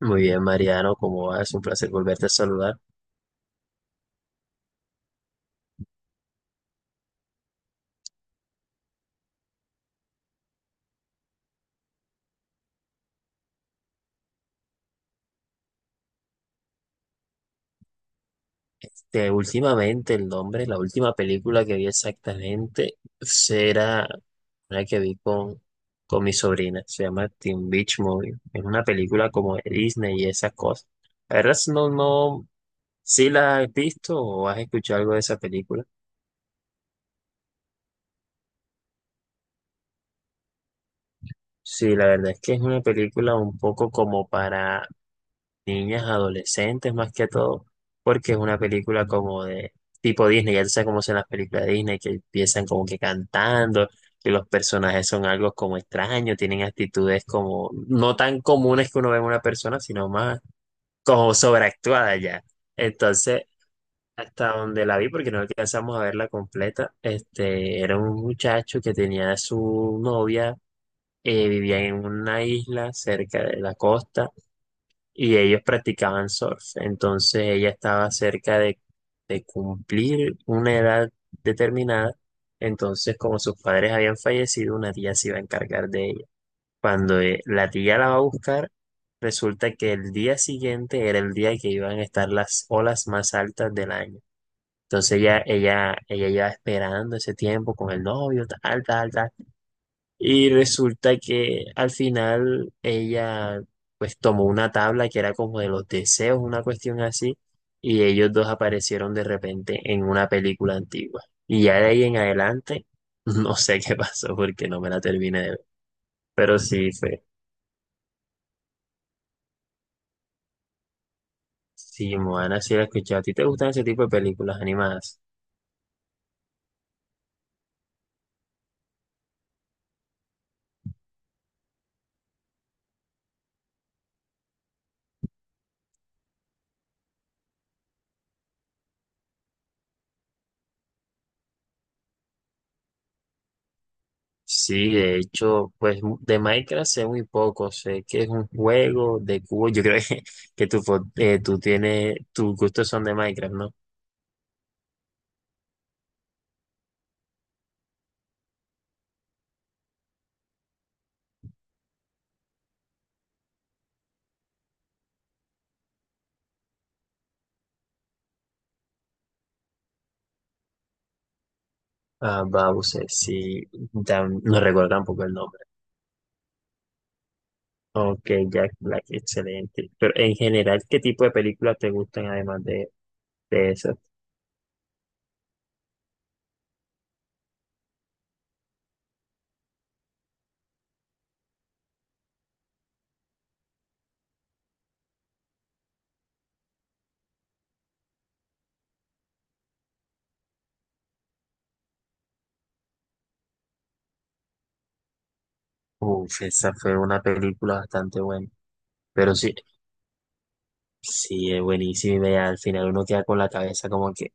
Muy bien, Mariano, ¿cómo vas? Un placer volverte a saludar. Últimamente el nombre, la última película que vi exactamente será una que vi con mi sobrina. Se llama Teen Beach Movie. Es una película como de Disney y esas cosas. La verdad es no, no, si la has visto o has escuchado algo de esa película. Sí, la verdad es que es una película un poco como para niñas, adolescentes más que todo, porque es una película como de tipo Disney, ya tú sabes cómo son las películas de Disney, que empiezan como que cantando, que los personajes son algo como extraños, tienen actitudes como no tan comunes que uno ve en una persona, sino más como sobreactuada ya. Entonces, hasta donde la vi, porque no alcanzamos a verla completa, este, era un muchacho que tenía a su novia, vivía en una isla cerca de la costa y ellos practicaban surf. Entonces ella estaba cerca de cumplir una edad determinada. Entonces, como sus padres habían fallecido, una tía se iba a encargar de ella. Cuando la tía la va a buscar, resulta que el día siguiente era el día que iban a estar las olas más altas del año. Entonces ella lleva esperando ese tiempo con el novio, tal, tal, tal. Y resulta que al final ella pues tomó una tabla que era como de los deseos, una cuestión así, y ellos dos aparecieron de repente en una película antigua. Y ya de ahí en adelante, no sé qué pasó porque no me la terminé de ver. Pero sí fue. Sí, Moana, sí la he escuchado. ¿A ti te gustan ese tipo de películas animadas? Sí, de hecho, pues de Minecraft sé muy poco. Sé que es un juego de cubo. Yo creo que tú, tú tienes, tus gustos son de Minecraft, ¿no? Ah, Bowser, sí, ya no recuerdo tampoco el nombre. Ok, Jack Black, excelente. Pero en general, ¿qué tipo de películas te gustan además de esa? Uf, esa fue una película bastante buena. Pero sí, sí, es buenísima y vea, al final uno queda con la cabeza como que,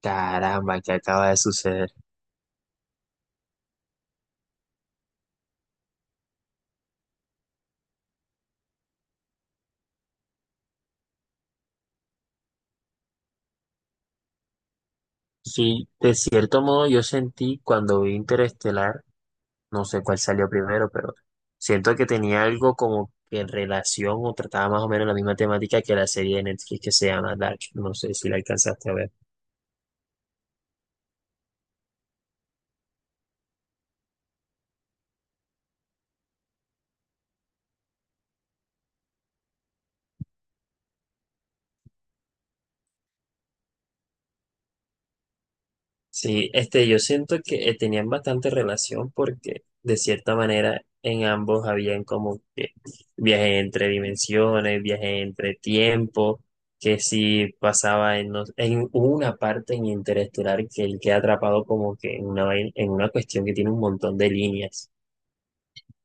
caramba, ¿qué acaba de suceder? Sí, de cierto modo yo sentí cuando vi Interestelar. No sé cuál salió primero, pero siento que tenía algo como que en relación o trataba más o menos la misma temática que la serie de Netflix que se llama Dark. No sé si la alcanzaste a ver. Sí, este, yo siento que tenían bastante relación porque de cierta manera en ambos habían como que viaje entre dimensiones, viaje entre tiempo, que si pasaba en, no- en hubo una parte en Interestelar que él queda atrapado como que en una, en una cuestión que tiene un montón de líneas.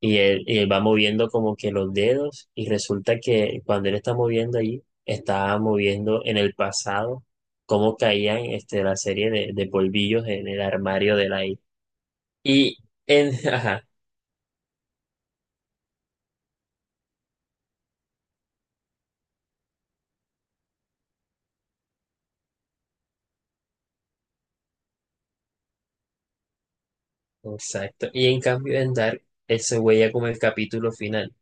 Y él va moviendo como que los dedos y resulta que cuando él está moviendo ahí, está moviendo en el pasado cómo caían este, la serie de polvillos en el armario de la I. Y en, ajá, exacto. Y en cambio en Dark, él se huella como el capítulo final,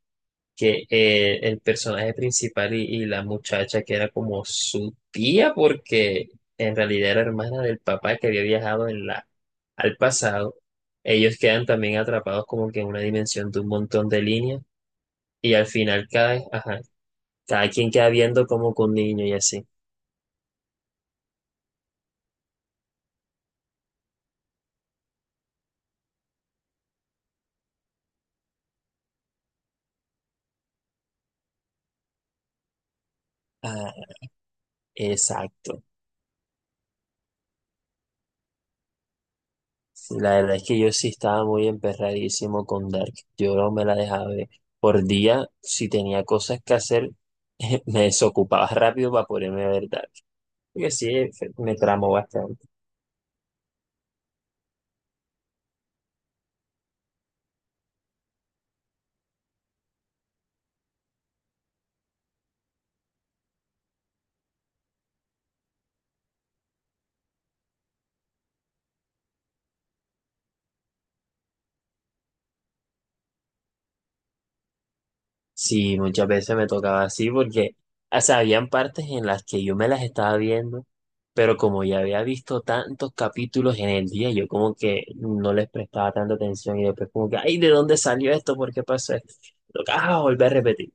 que el personaje principal y la muchacha que era como su tía, porque en realidad era hermana del papá que había viajado en la, al pasado, ellos quedan también atrapados como que en una dimensión de un montón de líneas y al final cada, ajá, cada quien queda viendo como con un niño y así. Ah, exacto. Sí, la verdad es que yo sí estaba muy emperradísimo con Dark. Yo no me la dejaba ver. Por día, si tenía cosas que hacer, me desocupaba rápido para ponerme a ver Dark. Porque sí, me tramó bastante. Sí, muchas veces me tocaba así porque, o sea, habían partes en las que yo me las estaba viendo, pero como ya había visto tantos capítulos en el día, yo como que no les prestaba tanta atención y después como que, ay, ¿de dónde salió esto? ¿Por qué pasó esto? Tocaba volver a repetir.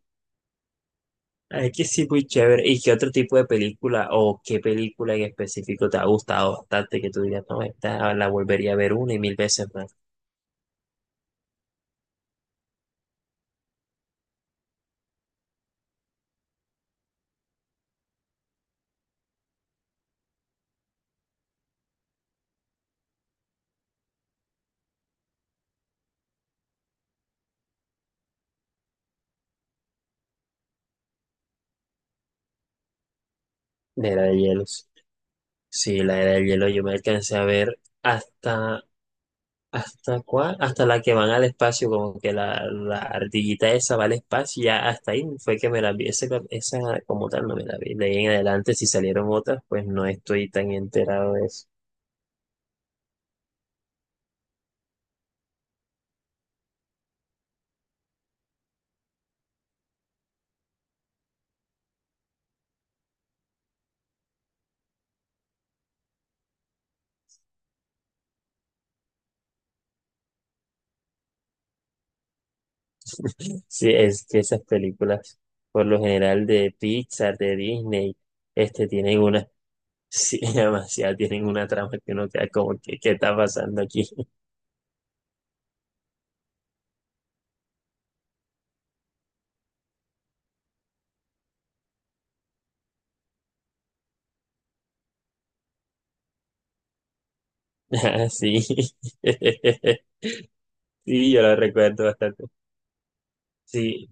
Ay, que sí, muy chévere. ¿Y qué otro tipo de película o qué película en específico te ha gustado bastante que tú digas, no, esta la volvería a ver una y mil veces más? La Era de Hielos. Sí, la Era de Hielo yo me alcancé a ver hasta, ¿hasta cuál? Hasta la que van al espacio, como que la ardillita esa va al espacio, y ya hasta ahí fue que me la vi. Esa como tal no me la vi. De ahí en adelante, si salieron otras, pues no estoy tan enterado de eso. Sí, es que esas películas, por lo general de Pixar, de Disney, este, tienen una, sí, demasiado, tienen una trama que uno queda como, que ¿qué está pasando aquí? Ah, sí, sí, yo la recuerdo bastante. Sí,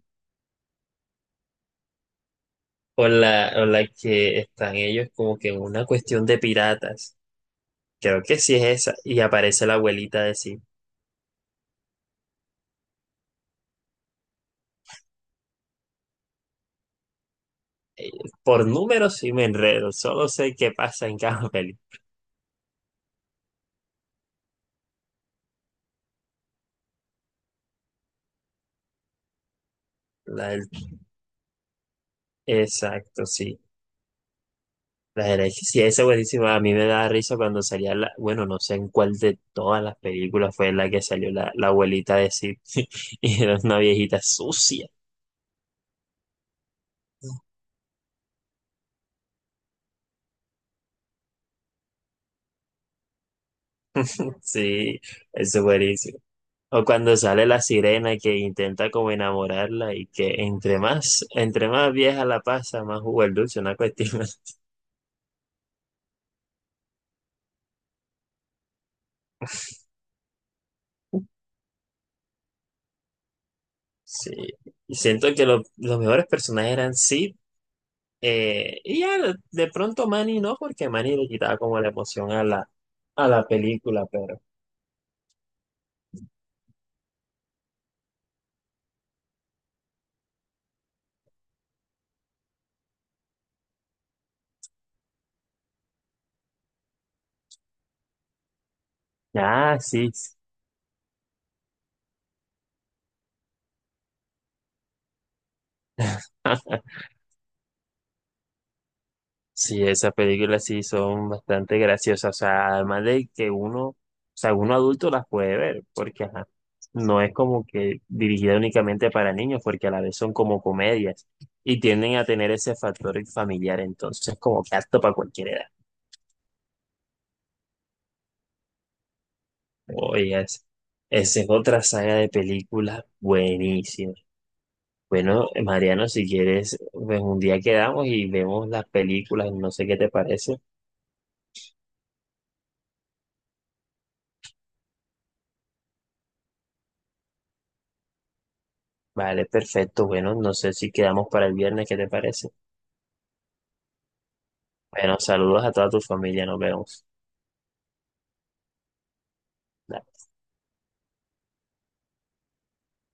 o la que están ellos como que en una cuestión de piratas, creo que sí es esa, y aparece la abuelita de sí. Por números sí me enredo, solo sé qué pasa en cada película. Exacto, sí. La herencia, sí, esa es buenísima. A mí me da risa cuando salía la, bueno, no sé en cuál de todas las películas fue la que salió la abuelita de Sid y era una viejita sucia. Sí, eso es buenísimo. O cuando sale la sirena que intenta como enamorarla y que entre más vieja la pasa, más jugo el dulce, una cuestión así. Sí. Y siento que los mejores personajes eran Sid y ya de pronto Manny no, porque Manny le quitaba como la emoción a a la película, pero. Ah, sí. Sí, esas películas sí son bastante graciosas. O sea, además de que uno, o sea, uno adulto las puede ver, porque ajá, no es como que dirigida únicamente para niños, porque a la vez son como comedias y tienden a tener ese factor familiar, entonces como que apto para cualquier edad. Oye, esa es otra saga de películas buenísima. Bueno, Mariano, si quieres, pues un día quedamos y vemos las películas, no sé qué te parece. Vale, perfecto. Bueno, no sé si quedamos para el viernes, ¿qué te parece? Bueno, saludos a toda tu familia, nos vemos.